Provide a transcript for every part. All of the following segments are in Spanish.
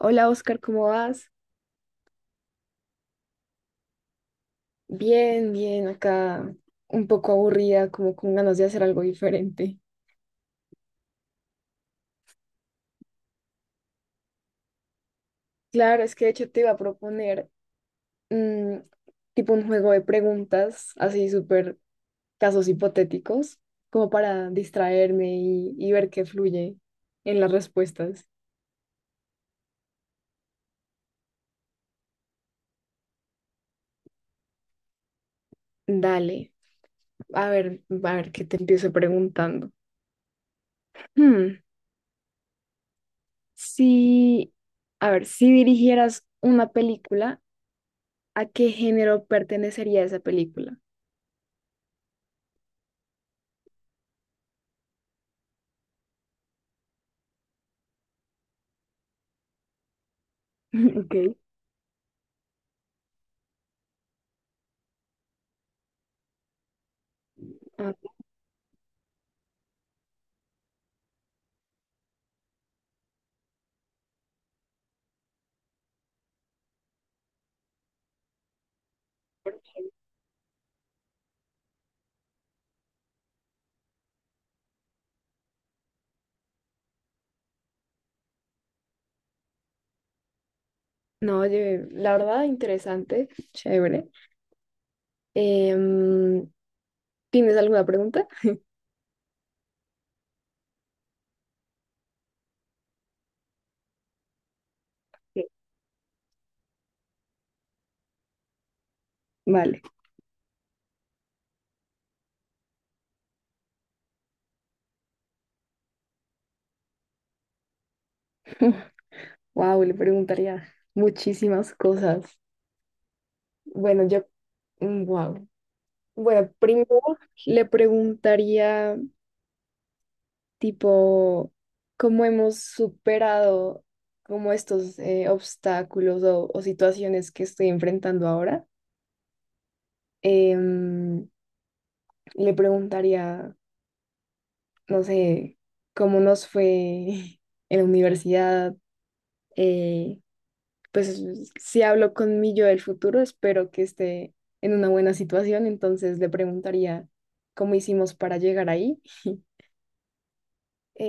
Hola Oscar, ¿cómo vas? Bien, bien, acá un poco aburrida, como con ganas de hacer algo diferente. Claro, es que de hecho te iba a proponer mm, tipo un juego de preguntas, así súper casos hipotéticos, como para distraerme y ver qué fluye en las respuestas. Dale, a ver qué te empiezo preguntando. Hmm, si, a ver, si dirigieras una película, ¿a qué género pertenecería esa película? Ok. Ah, no, oye, la verdad, interesante, chévere. Em, ¿Tienes alguna pregunta? Sí. Vale. Wow, le preguntaría muchísimas cosas. Bueno, yo, wow. Bueno, primero le preguntaría, tipo, cómo hemos superado como estos obstáculos o situaciones que estoy enfrentando ahora. Em, le preguntaría no sé, cómo nos fue en la universidad. eh, pues si hablo con mi yo del futuro, espero que esté en una buena situación, entonces le preguntaría cómo hicimos para llegar ahí.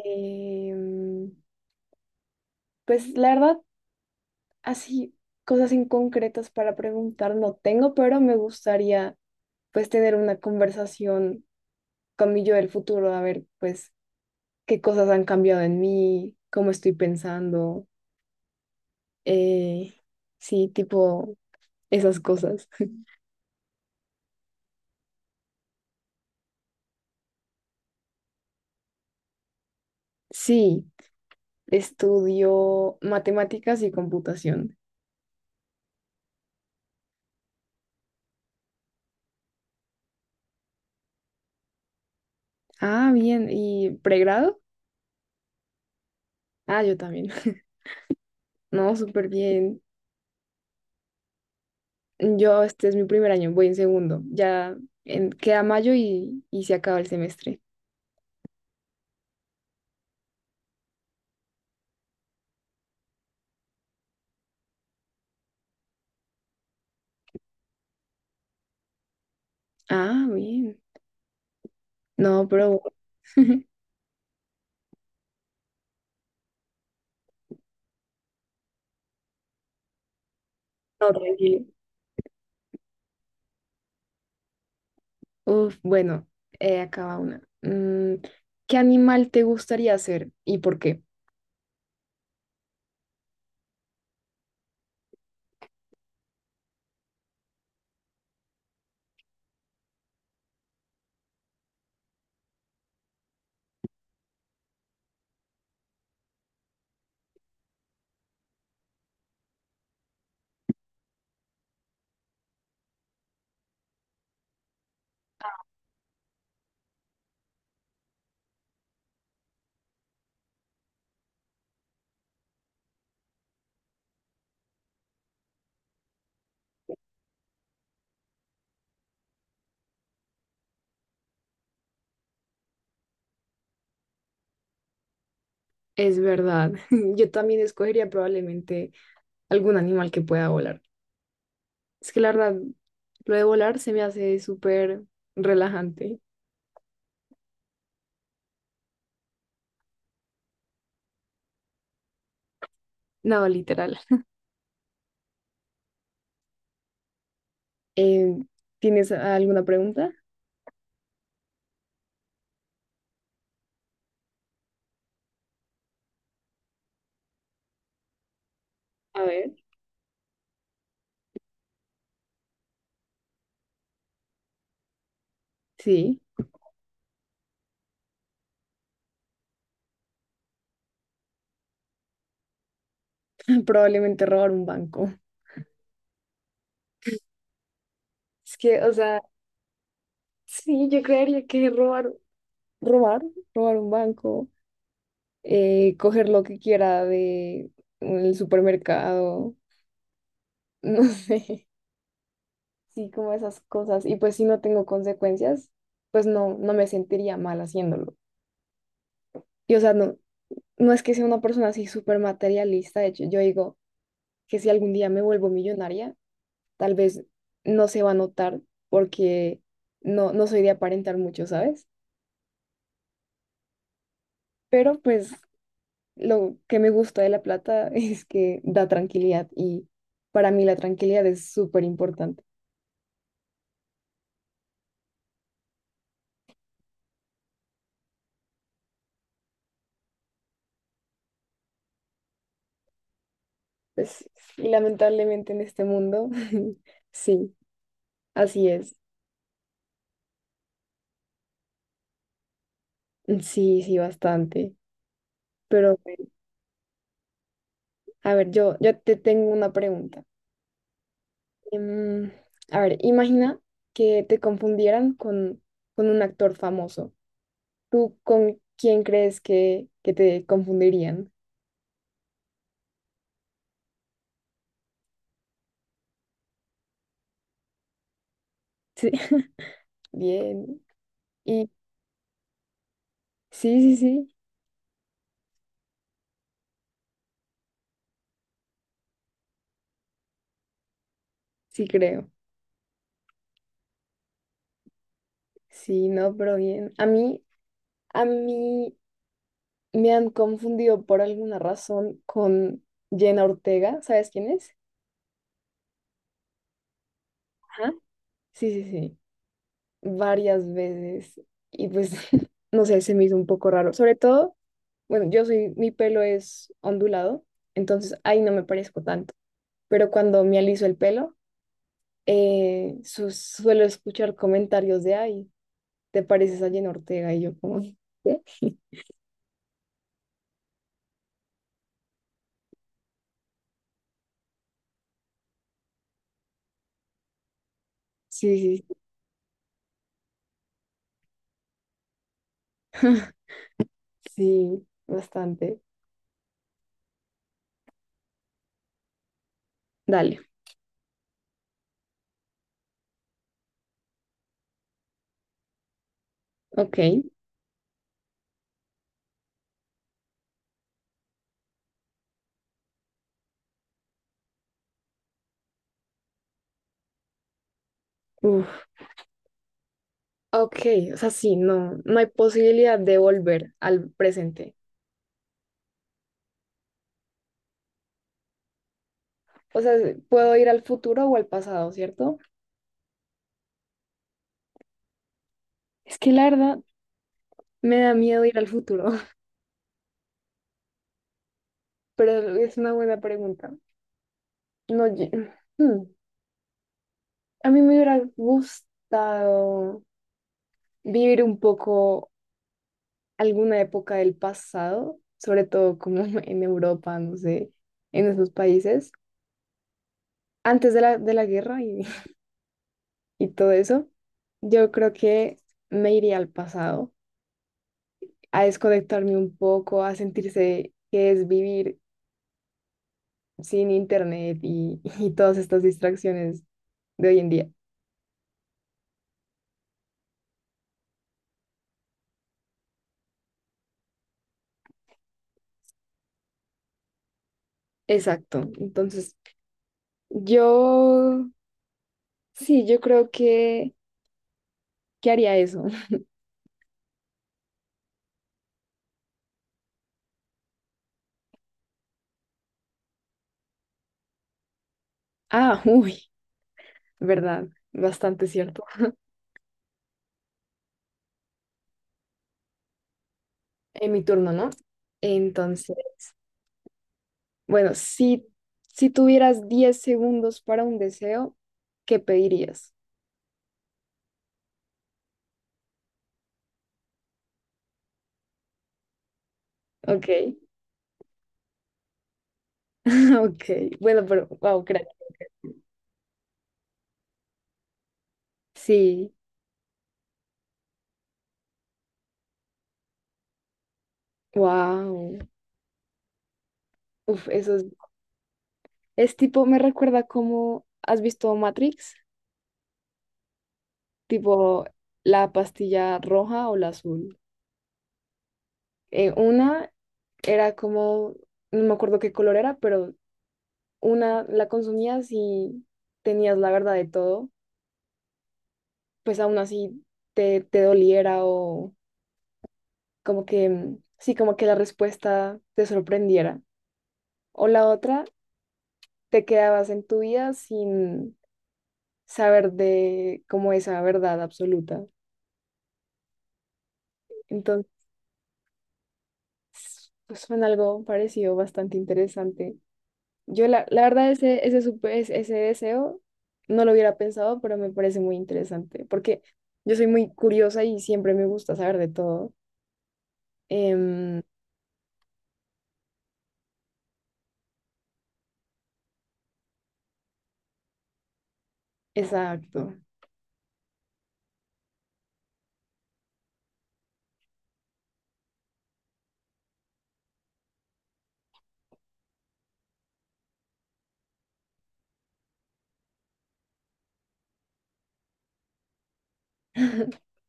Em, pues la verdad, así cosas en concretas para preguntar no tengo, pero me gustaría pues tener una conversación con mi yo del futuro, a ver pues qué cosas han cambiado en mí, cómo estoy pensando eh, sí, tipo esas cosas. Sí, estudio matemáticas y computación. Ah, bien, ¿y pregrado? Ah, yo también. No, súper bien. Yo, este es mi primer año, voy en segundo. Ya queda mayo y se acaba el semestre. Ah, bien. No, pero... No, tranquilo. Uf, bueno, acaba una. ¿Qué animal te gustaría ser y por qué? Es verdad. Yo también escogería probablemente algún animal que pueda volar. Es que la verdad, lo de volar se me hace súper relajante. No, literal. Eh, ¿Tienes alguna pregunta? A ver. Sí, probablemente robar un banco. Es que, o sea, sí, yo creería que robar, robar un banco, coger lo que quiera de el supermercado, no sé, sí, como esas cosas. Y pues si no tengo consecuencias, pues no me sentiría mal haciéndolo. Y o sea, no, no es que sea una persona así súper materialista, de hecho, yo digo que si algún día me vuelvo millonaria, tal vez no se va a notar porque no soy de aparentar mucho, ¿sabes? Pero pues lo que me gusta de la plata es que da tranquilidad y para mí la tranquilidad es súper importante. Pues y lamentablemente en este mundo, sí, así es. Sí, sí, bastante. Pero bueno, a ver, yo te tengo una pregunta. Em, a ver, imagina que te confundieran con un actor famoso. ¿Tú con quién crees que te confundirían? Sí, bien. Y sí, sí, sí, sí creo. Sí, no, pero bien. A mí me han confundido por alguna razón con Jenna Ortega. ¿Sabes quién es? Ajá. Sí, sí, sí. Varias veces. Y pues, no sé, se me hizo un poco raro. Sobre todo. Bueno, yo soy, mi pelo es ondulado, entonces ahí no me parezco tanto. Pero cuando me aliso el pelo, suelo escuchar comentarios de, ay, ¿te pareces a Jenna Ortega? Y yo como, sí, sí, sí, bastante. Dale, ok. Uf, ok, o sea, sí, no, no hay posibilidad de volver al presente. O sea, puedo ir al futuro o al pasado, ¿cierto? Es que la verdad me da miedo ir al futuro, pero es una buena pregunta. No, ye- Hmm. A mí me hubiera gustado vivir un poco alguna época del pasado, sobre todo como en Europa, no sé, en esos países, antes de de la guerra y, y todo eso. Yo creo que me iría al pasado, a desconectarme un poco, a sentirse que es vivir sin internet y todas estas distracciones de hoy en día. Exacto. Entonces, yo, sí, yo creo que haría eso. Ah, uy, verdad, bastante cierto. ¿En mi turno, no? Entonces, bueno, si, si tuvieras 10 segundos para un deseo, ¿qué pedirías? Ok, ok. Bueno, pero, wow, crack. Sí, wow. Uf, eso es tipo, me recuerda como, ¿has visto Matrix? Tipo, la pastilla roja o la azul. Una era como, no me acuerdo qué color era, pero una la consumías y tenías la verdad de todo, pues aún así te, te doliera o como que, sí, como que la respuesta te sorprendiera. O la otra, te quedabas en tu vida sin saber de cómo esa verdad absoluta. Entonces, pues fue algo parecido bastante interesante. Yo la, la verdad ese, ese, supe- ese ese deseo no lo hubiera pensado, pero me parece muy interesante porque yo soy muy curiosa y siempre me gusta saber de todo. Em, exacto.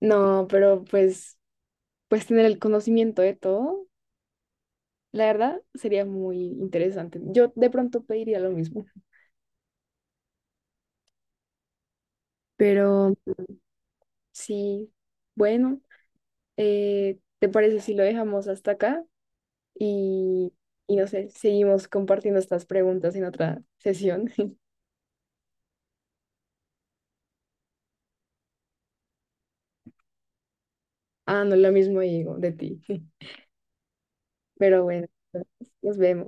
No, pero pues, pues tener el conocimiento de todo, la verdad, sería muy interesante. Yo de pronto pediría lo mismo, pero sí, bueno, ¿te parece si lo dejamos hasta acá? Y, y no sé, seguimos compartiendo estas preguntas en otra sesión. Ah, no, lo mismo digo de ti, pero bueno, nos vemos.